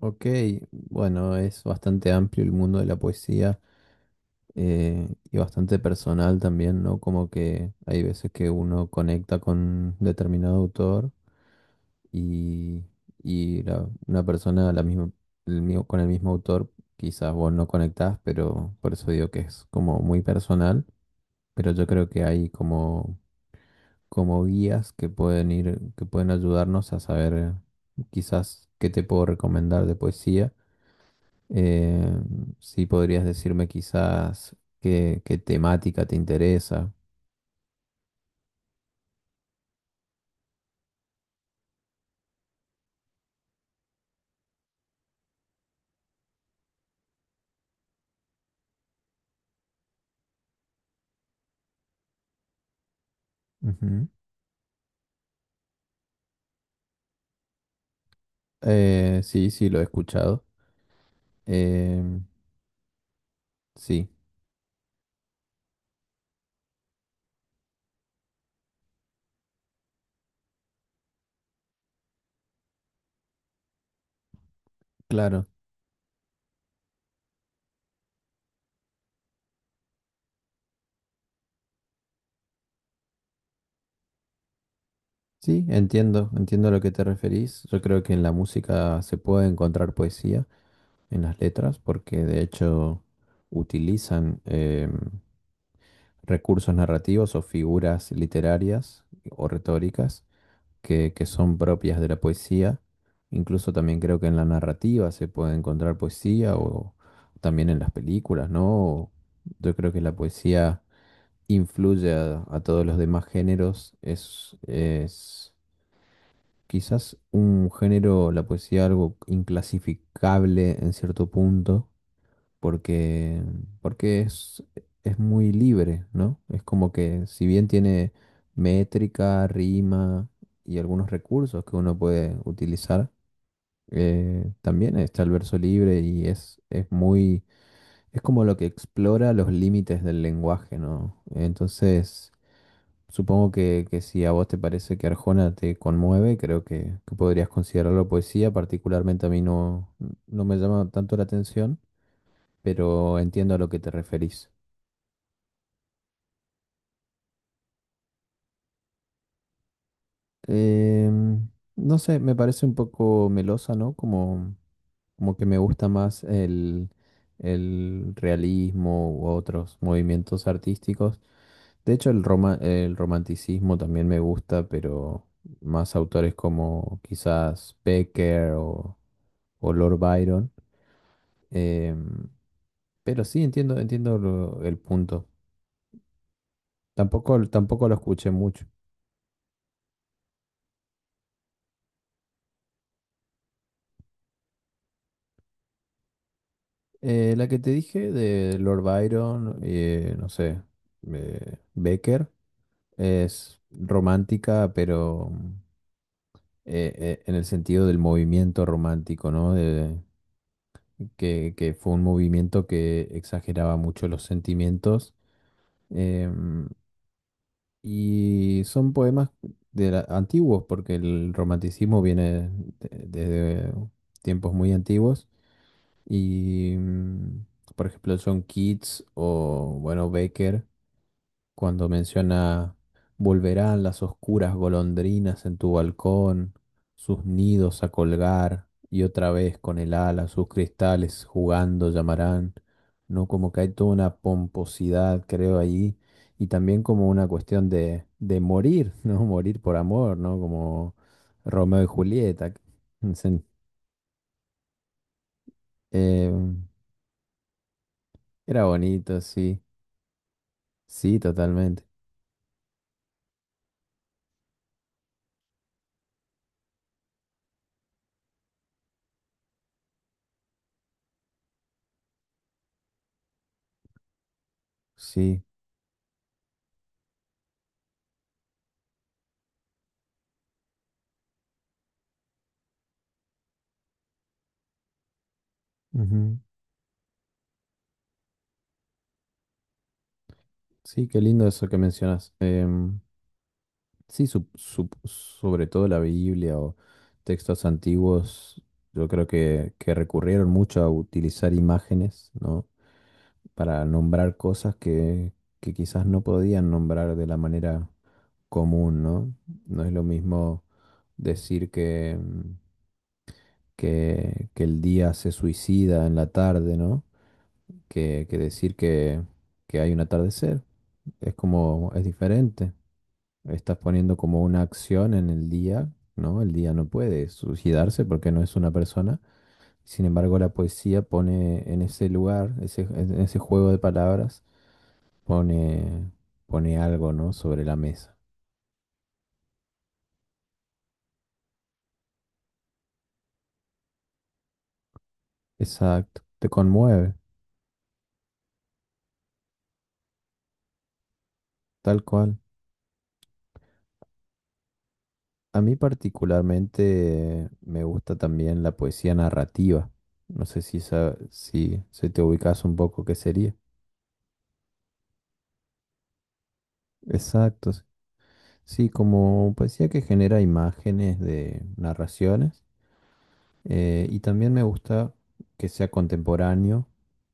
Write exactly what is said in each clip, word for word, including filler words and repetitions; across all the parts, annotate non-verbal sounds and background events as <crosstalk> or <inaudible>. Ok, bueno, es bastante amplio el mundo de la poesía eh, y bastante personal también, ¿no? Como que hay veces que uno conecta con determinado autor y, y la- una persona la misma, el mismo- con el mismo autor quizás vos no conectás, pero por eso digo que es como muy personal, pero yo creo que hay como, como guías que pueden ir, que pueden ayudarnos a saber eh, quizás qué te puedo recomendar de poesía. Eh, sí, podrías decirme quizás qué, qué temática te interesa. Ujú. Eh, sí, sí, lo he escuchado. Em, sí, claro. Sí, entiendo, entiendo a lo que te referís. Yo creo que en la música se puede encontrar poesía en las letras, porque de hecho utilizan em, recursos narrativos o figuras literarias o retóricas que, que son propias de la poesía. Incluso también creo que en la narrativa se puede encontrar poesía o también en las películas, ¿no? Yo creo que la poesía influye a, a todos los demás géneros. Es, es quizás un género, la poesía, algo inclasificable en cierto punto, porque, porque es, es muy libre, ¿no? Es como que, si bien tiene métrica, rima y algunos recursos que uno puede utilizar, eh, también está el verso libre y es, es muy, es como lo que explora los límites del lenguaje, ¿no? Entonces, supongo que, que si a vos te parece que Arjona te conmueve, creo que, que podrías considerarlo poesía. Particularmente a mí no, no me llama tanto la atención, pero entiendo a lo que te referís. Em, no sé, me parece un poco melosa, ¿no? Como, como que me gusta más el, el realismo u otros movimientos artísticos. De hecho, el roma- el romanticismo también me gusta, pero más autores como quizás Becker o, o Lord Byron. Em, pero sí, entiendo, entiendo lo- el punto. Tampoco, tampoco lo escuché mucho. Eh, la que te dije de Lord Byron, eh, no sé, eh, Becker, es romántica, pero eh, eh, en el sentido del movimiento romántico, ¿no? De- que, que fue un movimiento que exageraba mucho los sentimientos. em, y son poemas de la- antiguos, porque el romanticismo viene de- desde tiempos muy antiguos. Y, mm, por ejemplo, John Keats o, bueno, Becker, cuando menciona, volverán las oscuras golondrinas en tu balcón, sus nidos a colgar, y otra vez con el ala sus cristales jugando llamarán, ¿no? Como que hay toda una pomposidad, creo, ahí, y también como una cuestión de, de morir, <laughs> ¿no? Morir por amor, ¿no? Como Romeo y Julieta. <laughs> Sen- eh, Era bonito, sí. Sí, totalmente. Sí. Ujú. Sí, qué lindo eso que mencionas. Em, sí, sup- sup- sobre todo la Biblia o textos antiguos, yo creo que, que recurrieron mucho a utilizar imágenes, ¿no? Para nombrar cosas que, que quizás no podían nombrar de la manera común, ¿no? No es lo mismo decir que, mm, que, que el día se suicida en la tarde, ¿no? Que, que decir que, que hay un atardecer. Es como, es diferente. Estás poniendo como una acción en el día, ¿no? El día no puede suicidarse porque no es una persona. Sin embargo, la poesía pone en ese lugar, ese, en ese juego de palabras, pone, pone algo, ¿no? Sobre la mesa. Exacto. Te conmueve, tal cual. A mí particularmente me gusta también la poesía narrativa. No sé si, sa- si se te ubicas un poco qué sería. Exacto. s- Sí, como poesía que genera imágenes de narraciones. Eh, y también me gusta que sea contemporáneo,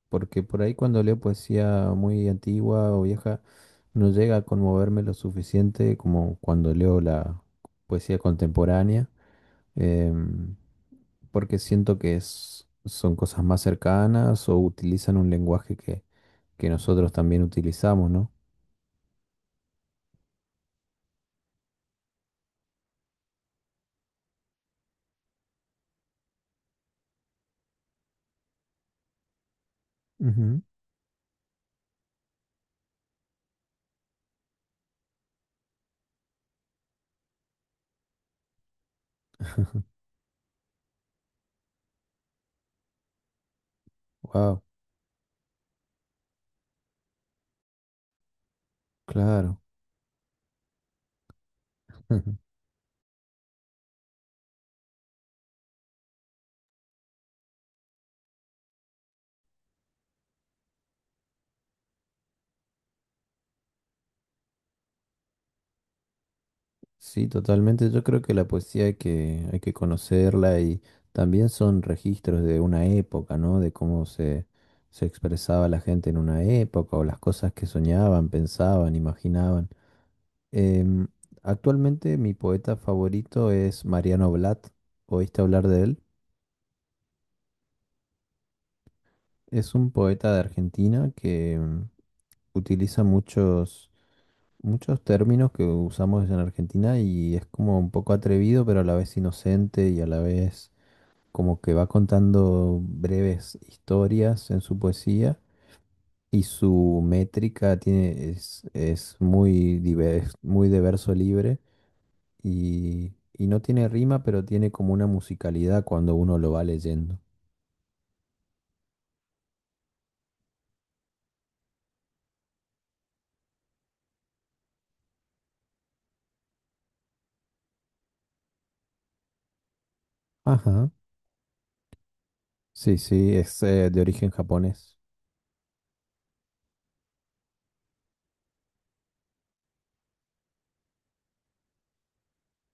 porque por ahí cuando leo poesía muy antigua o vieja, no llega a conmoverme lo suficiente como cuando leo la poesía contemporánea. em, Porque siento que es- son cosas más cercanas o utilizan un lenguaje que, que nosotros también utilizamos, ¿no? Wow, claro. <laughs> Sí, totalmente. Yo creo que la poesía hay que, hay que conocerla, y también son registros de una época, ¿no? De cómo se, se expresaba la gente en una época o las cosas que soñaban, pensaban, imaginaban. Em, Actualmente mi poeta favorito es Mariano Blatt. ¿Oíste hablar de él? Es un poeta de Argentina que mm, utiliza muchos, muchos términos que usamos en Argentina, y es como un poco atrevido, pero a la vez inocente y a la vez como que va contando breves historias en su poesía, y su métrica tiene, es, es muy diverso, muy de verso libre y, y no tiene rima, pero tiene como una musicalidad cuando uno lo va leyendo. Ajá. Sí, sí, es eh, de origen japonés,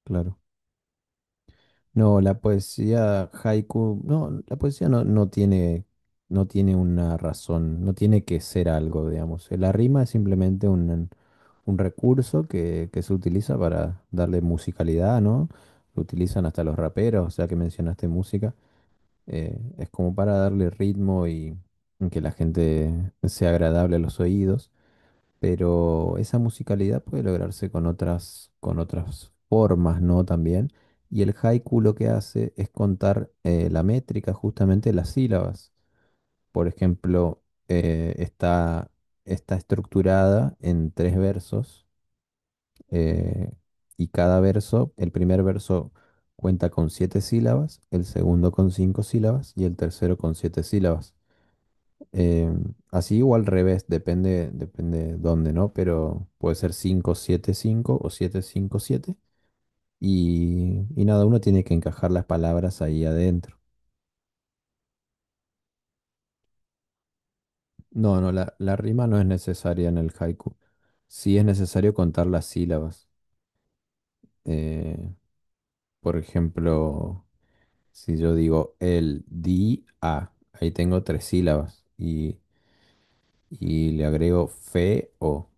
claro. No, la poesía haiku, no, la poesía no, no tiene, no tiene una razón, no tiene que ser algo, digamos. La rima es simplemente un, un recurso que, que se utiliza para darle musicalidad, ¿no? Lo utilizan hasta los raperos, o sea, que mencionaste música. Eh, es como para darle ritmo y que la gente sea agradable a los oídos, pero esa musicalidad puede lograrse con otras, con otras formas, ¿no? También. Y el haiku lo que hace es contar eh, la métrica, justamente las sílabas. Por ejemplo, eh, está, está estructurada en tres versos, eh, y cada verso, el primer verso cuenta con siete sílabas, el segundo con cinco sílabas y el tercero con siete sílabas. Eh, así o al revés, depende, depende dónde, ¿no? Pero puede ser cinco siete cinco o siete cinco siete. Y, y nada, uno tiene que encajar las palabras ahí adentro. No, no, la, la rima no es necesaria en el haiku. Sí es necesario contar las sílabas. Eh, por ejemplo, si yo digo el di a, ahí tengo tres sílabas. Y, y le agrego fe o.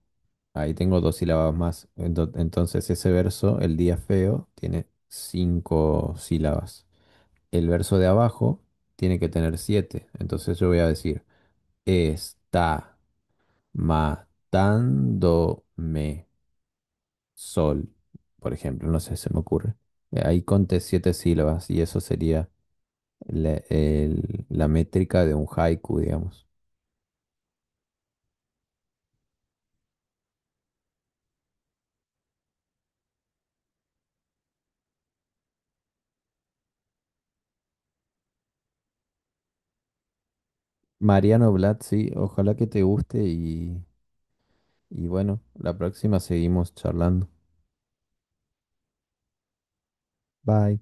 Ahí tengo dos sílabas más. Ento- Entonces ese verso, el día feo, tiene cinco sílabas. El verso de abajo tiene que tener siete. Entonces yo voy a decir, está matándome sol, por ejemplo. No sé, se me ocurre. Eh, Ahí conté siete sílabas, y eso sería la, el- la métrica de un haiku, digamos. Mariano Blatt, sí, ojalá que te guste y, y bueno, la próxima seguimos charlando. Bye.